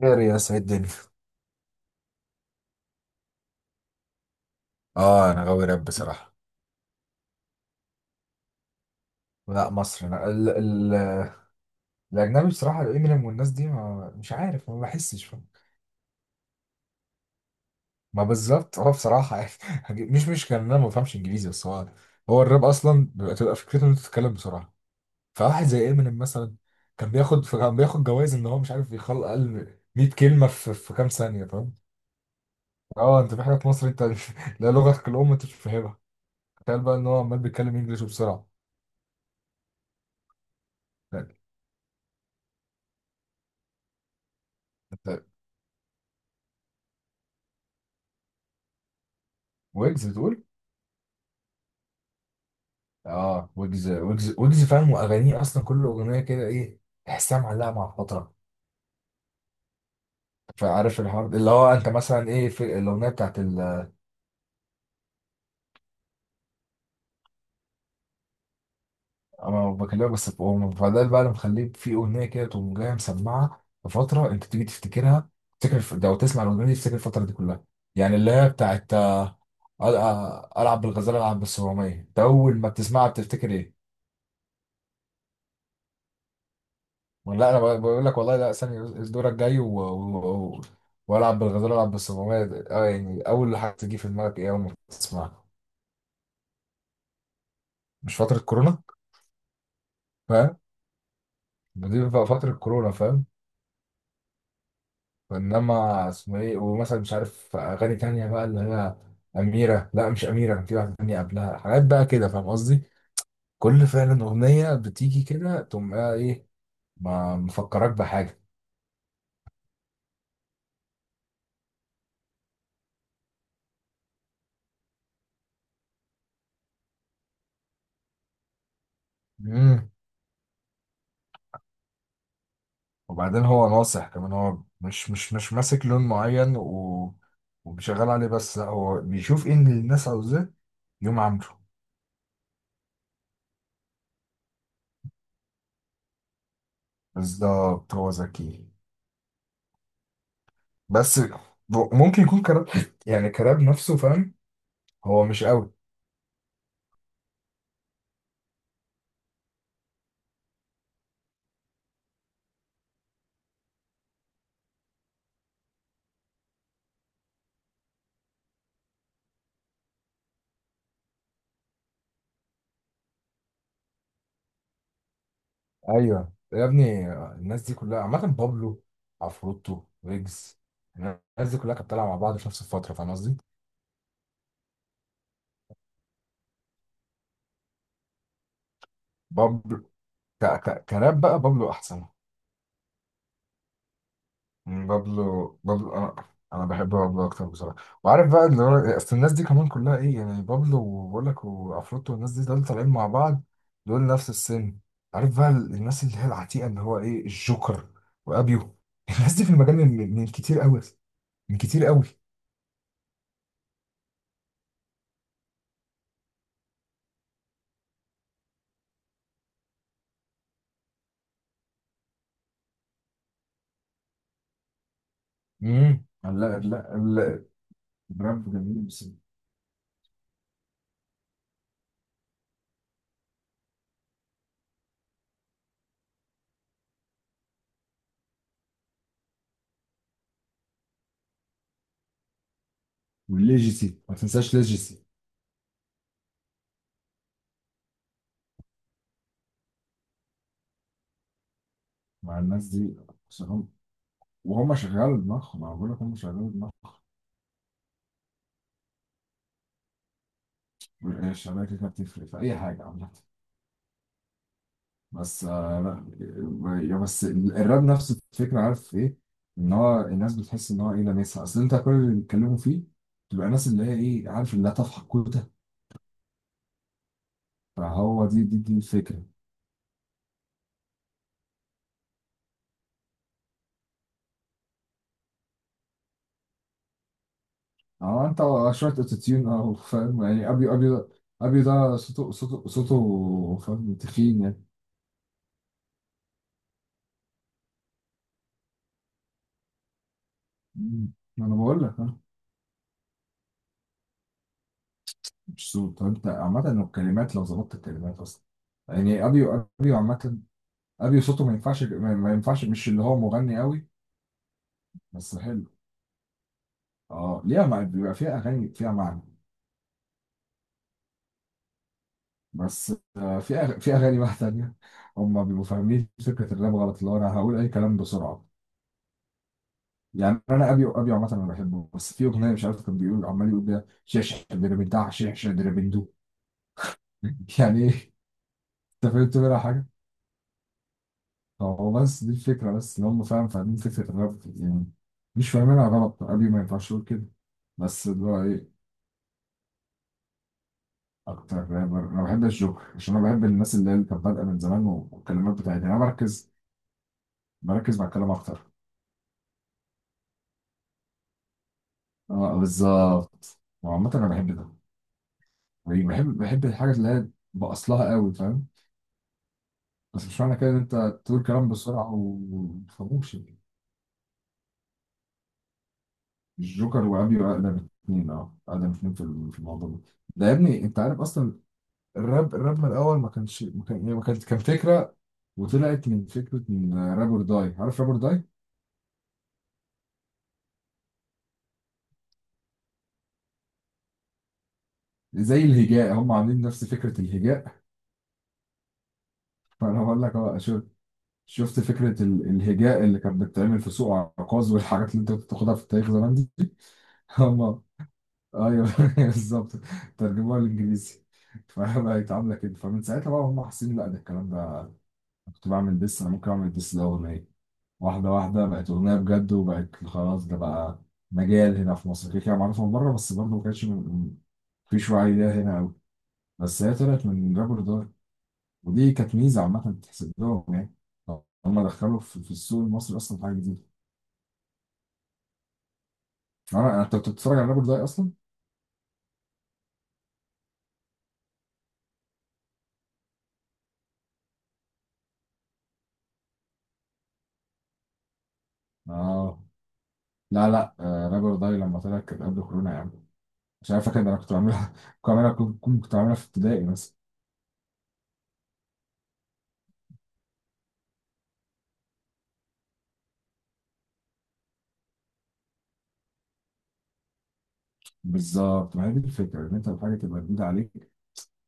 خير يا سيد الدنيا. اه انا غاوي راب بصراحه. لا مصر، أنا ال الاجنبي بصراحه، امينيم والناس دي، ما مش عارف، ما بحسش فاهم. ما بالظبط هو بصراحه يعني مش كان، انا ما بفهمش انجليزي، بس هو الراب اصلا تبقى فكرته ان انت تتكلم بسرعه. فواحد زي امينيم مثلا كان بياخد جوائز ان هو مش عارف يخلق اقل من 100 كلمه في كام ثانيه، فاهم. اه انت في حاجات مصر انت. لا، لغتك الام انت مش فاهمها. تخيل بقى ان هو عمال بيتكلم انجلش وبسرعه. لا، انت، ويجز بتقول؟ اه، ويجز ويجز ويجز، فاهم. واغانيه اصلا كل اغنيه كده ايه، تحسها معلقه مع الفتره. فعارف الحوار ده، اللي هو انت مثلا ايه في الاغنيه بتاعت انا بكلمك بس بأم فده بقى، اللي مخليه في اغنيه كده تقوم جايه مسمعه لفتره انت تيجي تفتكرها. تفتكر لو تسمع الاغنيه دي تفتكر الفتره دي كلها. يعني اللي هي بتاعت آه، العب بالغزاله، العب بالصواميه، انت اول ما بتسمعها بتفتكر ايه؟ لا، انا بقول لك والله، لا ثاني دورك جاي والعب بالغزال، العب بالصمامية. اه يعني اول حاجه تيجي في دماغك ايه اول ما تسمعها؟ مش فتره كورونا؟ فاهم. دي فتره كورونا، فاهم. انما اسمه ايه، ومثلا مش عارف اغاني تانية بقى اللي هي اميره. لا مش اميره، كان في واحده تانية قبلها. حاجات بقى كده، فاهم قصدي. كل فعلا اغنيه بتيجي كده تقوم بقى ايه، ما مفكرك بحاجه. وبعدين هو ناصح كمان، هو مش ماسك لون معين وبيشغل عليه بس، لا هو بيشوف ايه اللي الناس عاوزاه يقوم عامله. بالظبط هو ذكي، بس ممكن يكون كراب، يعني كراب نفسه فاهم، هو مش قوي. ايوه يا ابني، الناس دي كلها عامة، بابلو، عفروتو، ويجز، الناس دي كلها كانت طالعة مع بعض في نفس الفترة، فاهم قصدي؟ بابلو كراب بقى، بابلو أحسن. مم، بابلو انا، انا بحب بابلو اكتر بصراحه. وعارف بقى اللي هو اصل الناس دي كمان كلها ايه، يعني بابلو، وبقول لك، وعفروتو، والناس دي، دول طالعين مع بعض، دول نفس السن. عارف بقى الناس اللي هي العتيقه، اللي هو ايه، الجوكر، وابيو. الناس دي في المجال من كتير قوي، من كتير قوي. امم، لا لا لا، الراب جميل بس. والليجيسي، ما تنساش ليجيسي. مع الناس دي، أصل هم- وهم شغال دماغهم، انا بقول لك هم شغال دماغهم. الشغاله كده بتفرق في اي حاجه عامه. بس آه، لا يا بس الراب نفس الفكرة، عارف ايه، ان هو الناس بتحس ان هو ايه، لامسها. اصل انت كل اللي بيتكلموا فيه تبقى ناس اللي هي ايه، عارف، اللي لا تفحق كوته. فهو دي الفكرة. اه انت شوية اوتوتيون، اه فاهم يعني. ابي ده، ابي ده صوته فاهم، تخين يعني. مم. انا بقول لك اه، مش صوت. طب انت عامة لو الكلمات، لو ظبطت الكلمات اصلا. يعني ابي عامة، ابي صوته ما ينفعش، ما ينفعش، مش اللي هو مغني قوي، بس حلو. اه ليها بيبقى فيها اغاني فيها معنى. بس آه، في في اغاني بقى تانية، هم بيبقوا فاهمين فكره الراب غلط، اللي هو انا هقول اي كلام بسرعه. يعني انا ابي عامه انا بحبه، بس في اغنيه مش عارف كان بيقول، عمال يقول بيها شيش دربندع شيش دربندو. يعني ايه؟ انت فهمت منها حاجه؟ هو بس دي الفكره، بس ان هم فاهمين فكره الراب يعني، مش فاهمينها غلط. ابي ما ينفعش يقول كده. بس اللي هو ايه، اكتر رابر انا بحب الجوكر، عشان انا بحب الناس اللي هي اللي كانت بادئه من زمان، والكلمات بتاعتها. يعني انا بركز، بركز مع الكلام اكتر. اه بالظبط، وعامة انا بحب ده. يعني بحب، بحب الحاجة اللي هي باصلها قوي فاهم. بس مش معنى كده ان انت تقول كلام بسرعة وما تفهموش يعني. الجوكر وابي اقدم اتنين، اه اقدم اتنين في في الموضوع ده. ده يا ابني انت عارف اصلا الراب، الراب من الاول ما كانش، ما كان يعني ما كانت كان فكرة، وطلعت من فكرة من رابر داي. عارف رابر داي؟ زي الهجاء، هم عاملين نفس فكرة الهجاء. فانا بقول لك اه، شفت فكرة الهجاء اللي كانت بتتعمل في سوق عكاظ والحاجات اللي انت كنت بتاخدها في التاريخ زمان دي. هما، ايوه بالظبط، ترجموها للانجليزي فبقت عاملة كده. فمن ساعتها بقى هم حاسين، لا ده الكلام ده كنت بعمل ديس، انا ممكن اعمل ديس ده اغنية. واحدة واحدة بقت اغنية بجد، وبقت خلاص ده بقى مجال، هنا في مصر كده كده، معروفة من بره بس برضه ما كانش مفيش وعي ليها هنا قوي. بس هي طلعت من رابر دار، ودي كانت ميزة عامة تحسب لهم يعني. هم دخلوا في في السوق المصري اصلا حاجة جديدة. اه انت كنت بتتفرج على رابر داي اصلا؟ اه لا لا آه، رابر داي لما طلعت كانت قبل كورونا يا عم. مش عارف فاكر، ده انا كنت بعملها كنت بعملها، كنت كنت بعملها في ابتدائي مثلا. بالظبط، ما هي دي الفكره، ان انت الحاجه تبقى جديده عليك،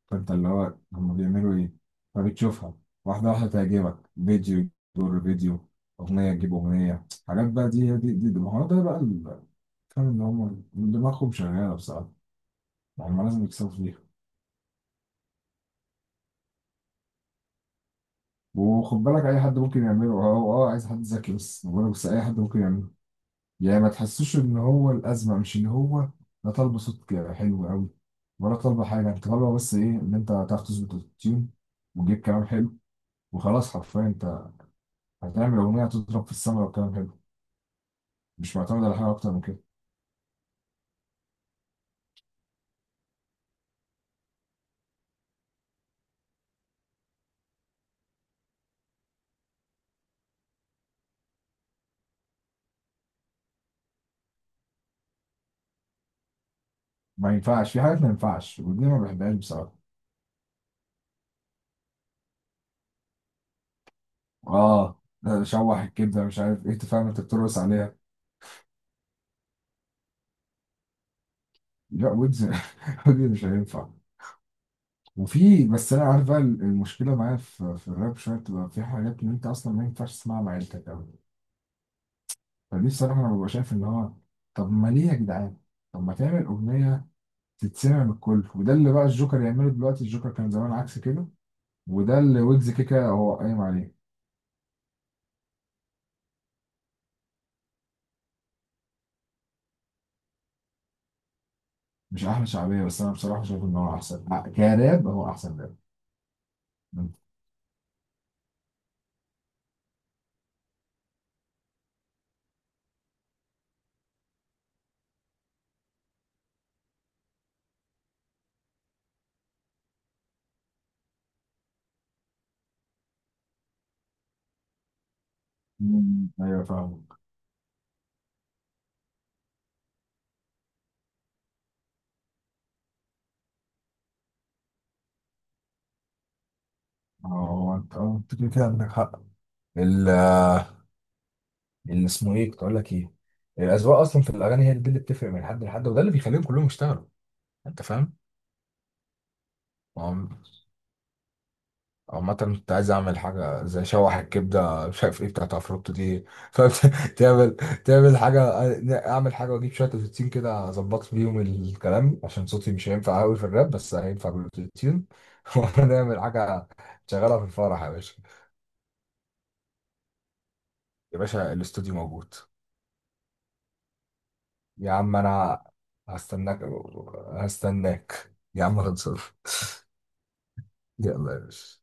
فانت اللي هو هم بيعملوا ايه؟ فبتشوفها، واحده واحده تعجبك، فيديو يجر فيديو، اغنيه تجيب اغنيه. حاجات بقى دي. ما هو ده بقى فاهم ان هم دماغهم شغاله بصراحه، يعني ما لازم يكسبوا فيها. وخد بالك اي حد ممكن يعمله. اه اه عايز حد ذكي، بس بقول لك بس اي حد ممكن يعمله. يعني ما تحسوش ان هو الازمه مش ان هو لا طالبه صوت حلو قوي، ولا طالبه حاجه. انت طالبه بس ايه، ان انت تعرف تظبط التيون، وتجيب كلام حلو، وخلاص. حرفيا انت هتعمل اغنيه تضرب في السما لو كلام حلو، مش معتمد على حاجه اكتر من كده. ما ينفعش، في حاجات ما ينفعش ودي ما بحبهاش بصراحه. اه ده شوح الكبده مش عارف ايه، تفهم انت بترقص عليها. لا ويجز، ويجز مش هينفع. وفي بس انا عارف بقى المشكله معايا في في الراب، شويه بتبقى في حاجات ان انت اصلا ما ينفعش تسمعها مع عيلتك قوي. فدي الصراحة، أنا ببقى شايف إن هو، طب ما ليه يا جدعان؟ طب ما تعمل أغنية تتسمع من الكل، وده اللي بقى الجوكر يعمله دلوقتي. الجوكر كان زمان عكس كده، وده اللي ويجز كيكا هو قايم عليه. مش أحلى شعبية، بس أنا بصراحة شايف إن هو أحسن كراب، هو أحسن راب. أمم، أيوه فاهمك. أه هو، أنت أه أنت كده كده عندك حق. ال- اللي اسمه إيه كنت أقول لك إيه، الأذواق أصلا في الأغاني هي دي اللي بتفرق من حد لحد، وده اللي بيخليهم كلهم يشتغلوا. أنت فاهم؟ عامة كنت عايز أعمل حاجة زي شوح الكبدة مش عارف إيه بتاعت عفروتو دي، فتعمل تعمل تعمل حاجة، أعمل حاجة وأجيب شوية بروتين كده أظبط بيهم الكلام، عشان صوتي مش هينفع أوي في الراب بس هينفع بالبروتين ونعمل حاجة. شغالة في الفرح يا باشا. يا باشا الاستوديو موجود. يا عم أنا هستناك، هستناك يا عم، خلصان يلا يا باشا.